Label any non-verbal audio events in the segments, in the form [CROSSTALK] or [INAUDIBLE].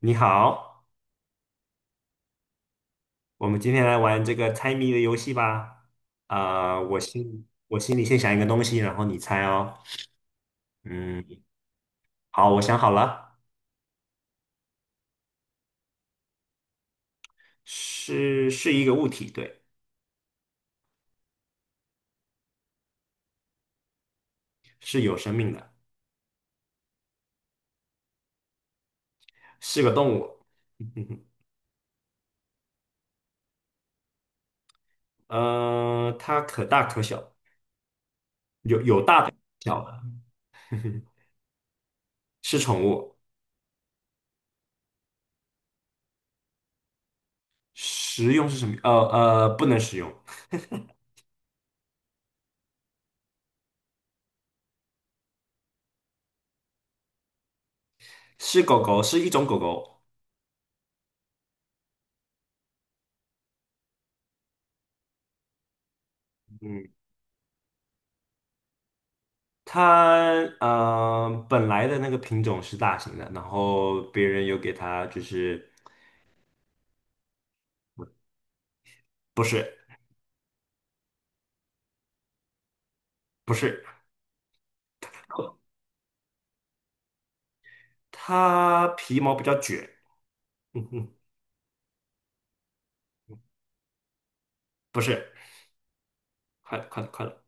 你好，我们今天来玩这个猜谜的游戏吧。我心里先想一个东西，然后你猜哦。嗯，好，我想好了，是一个物体，对，是有生命的，是个动物。[LAUGHS] 呃，它可大可小，有大的有小的，[LAUGHS] 是宠物。食用是什么？不能食用，[LAUGHS] 是狗狗，是一种狗狗。嗯。它呃本来的那个品种是大型的，然后别人有给它就是不是不是，它皮毛比较卷，嗯哼，不是，快了快了快了，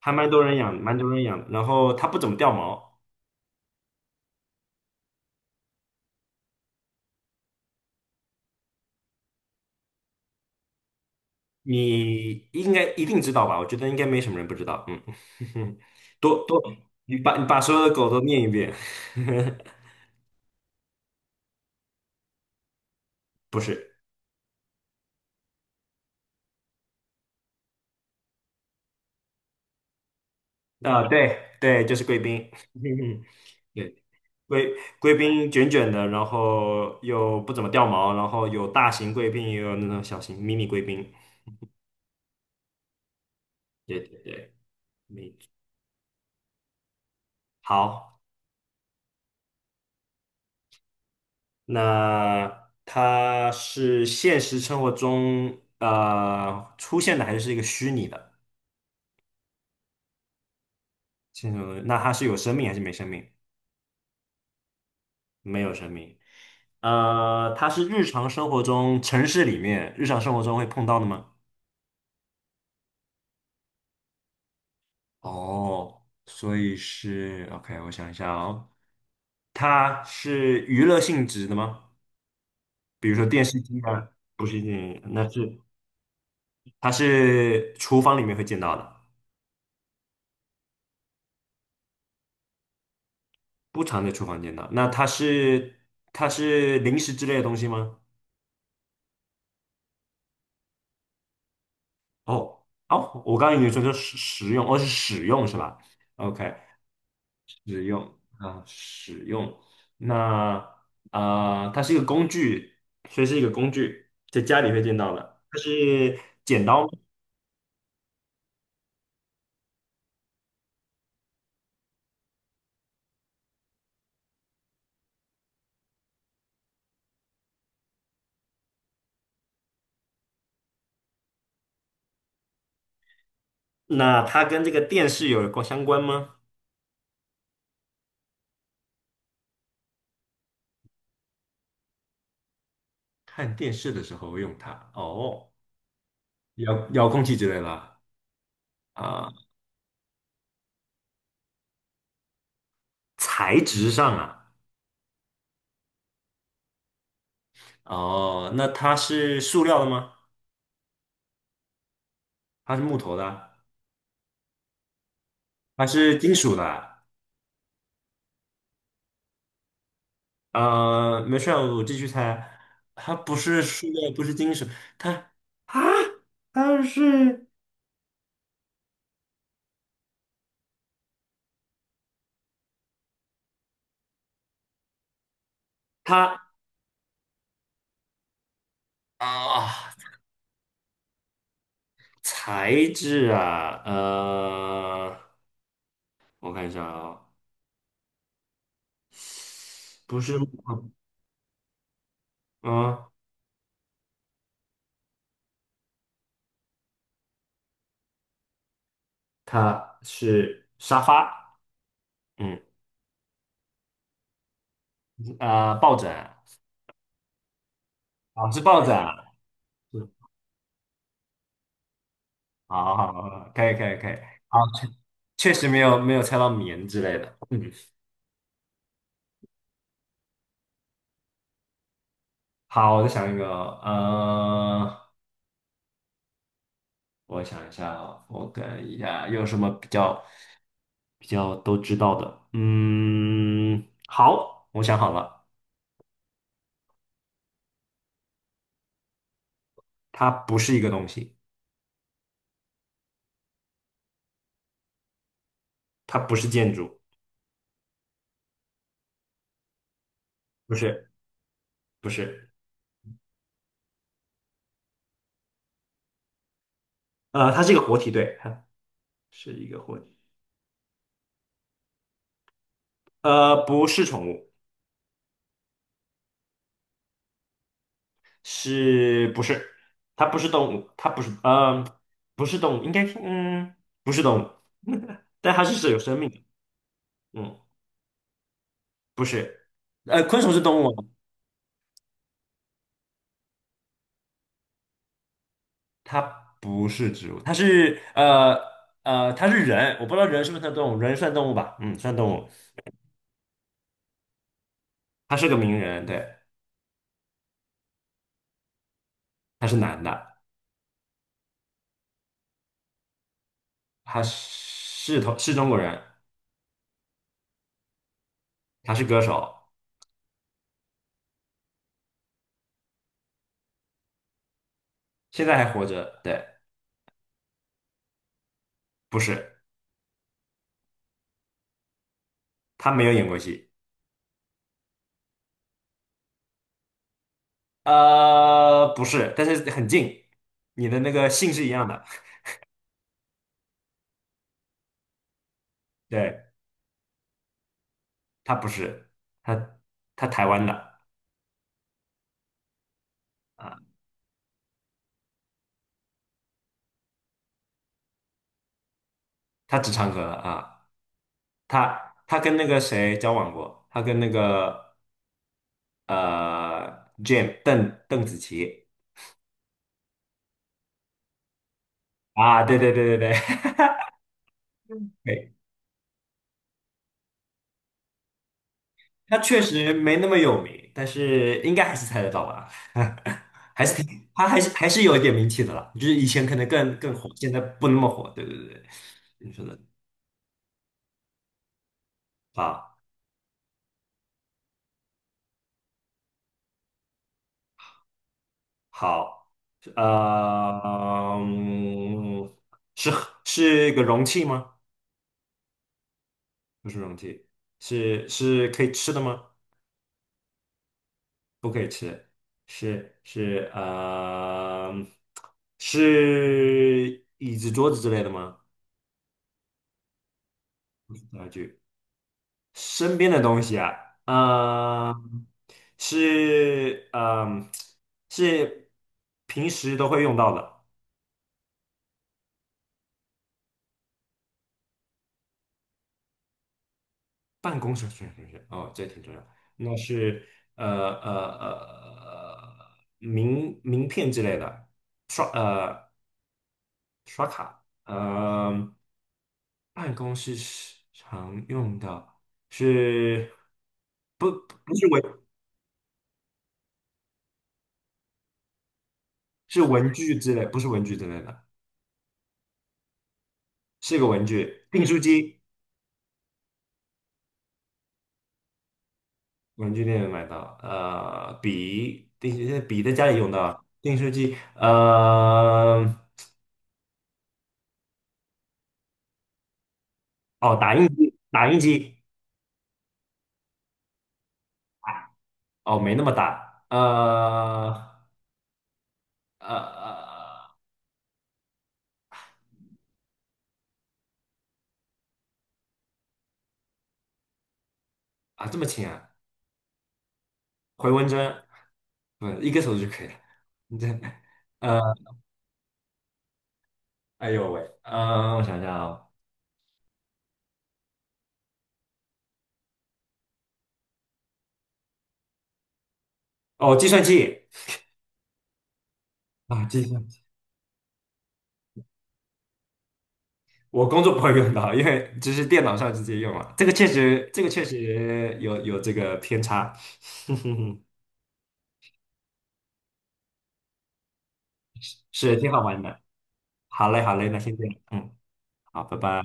还蛮多人养，蛮多人养的，然后它不怎么掉毛，你应该一定知道吧？我觉得应该没什么人不知道，嗯，[LAUGHS] 多多，你把所有的狗都念一遍，[LAUGHS] 不是，对对，就是贵宾，[LAUGHS] 对。贵宾卷卷的，然后又不怎么掉毛，然后有大型贵宾，也有那种小型迷你贵宾。对对对，没好，那它是现实生活中出现的，还是一个虚拟的？现实生活中那它是有生命还是没生命？没有生命。呃，它是日常生活中城市里面日常生活中会碰到的吗？哦，所以是 OK，我想一下哦，它是娱乐性质的吗？比如说电视机啊，不是电影，那是它是厨房里面会见到的，不常在厨房见到。那它是它是零食之类的东西吗？哦哦，我刚刚已经说是使食用，哦是使用是吧？OK，使用啊，使用。那呃它是一个工具，所以是一个工具，在家里会见到的。它是剪刀吗？那它跟这个电视有关相关吗？看电视的时候会用它，哦，遥遥控器之类的啊、材质上啊，哦，那它是塑料的吗？它是木头的啊？它是金属的啊？呃，没事儿，我继续猜，它不是塑料，不是金属。它。啊，它是它啊，材质啊，呃，我看一下不是木头，嗯，它是沙发，嗯，抱枕啊，是抱枕啊，是好好好，可以可以可以，好，确实没有猜到棉之类的，嗯，好，我再想一个哦呃，我想一下哦，我看一下有什么比较。比较都知道的。嗯，好，我想好了，它不是一个东西，它不是建筑，不是，不是，呃，它是一个活体，对，它 [LAUGHS] 是一个活体，呃，不是宠物，是不是？它不是动物，它不是，呃，不是动物，应该是嗯，不是动物，但它是有生命的，嗯，不是，呃，昆虫是动物吗？它不是植物，它是呃，它是人，我不知道人是不是算动物，人算动物吧？嗯，算动物。他是个名人，对，他是男的，他是中国人，他是歌手，现在还活着，对，不是，他没有演过戏，呃，不是，但是很近，你的那个姓是一样的，对，他不是，他他台湾的啊，他只唱歌啊，他跟那个谁交往过，他跟那个呃 Jam 邓紫棋啊，对对对对对对，[LAUGHS] 他确实没那么有名，但是应该还是猜得到吧？[LAUGHS] 还是挺，他还是还是有一点名气的啦，就是以前可能更火，现在不那么火。对对对，你说的啊，好，呃，嗯是是个容器吗？不是容器，是可以吃的吗？不可以吃，是呃，是椅子桌子之类的吗？啊身边的东西啊，呃，是，是平时都会用到的，办公室是要是，哦，这挺重要。那是呃呃呃名名片之类的，刷刷卡，呃，办公室是常用的是不不是是文具之类，不是文具之类的，是个文具，订书机。文具店买到，呃，笔，定笔在家里用的，订书机，呃，哦，打印机，打印机，哦，没那么大，呃，呃啊，这么轻啊，回纹针，不，一个手就可以了，你这，呃，哎呦喂，我想想啊，哦，计算器啊，计算器，我工作不会用到，因为只是电脑上直接用嘛，这个确实，这个确实有这个偏差，[LAUGHS] 是挺好玩的。好嘞，好嘞，那先这样，嗯，好，拜拜。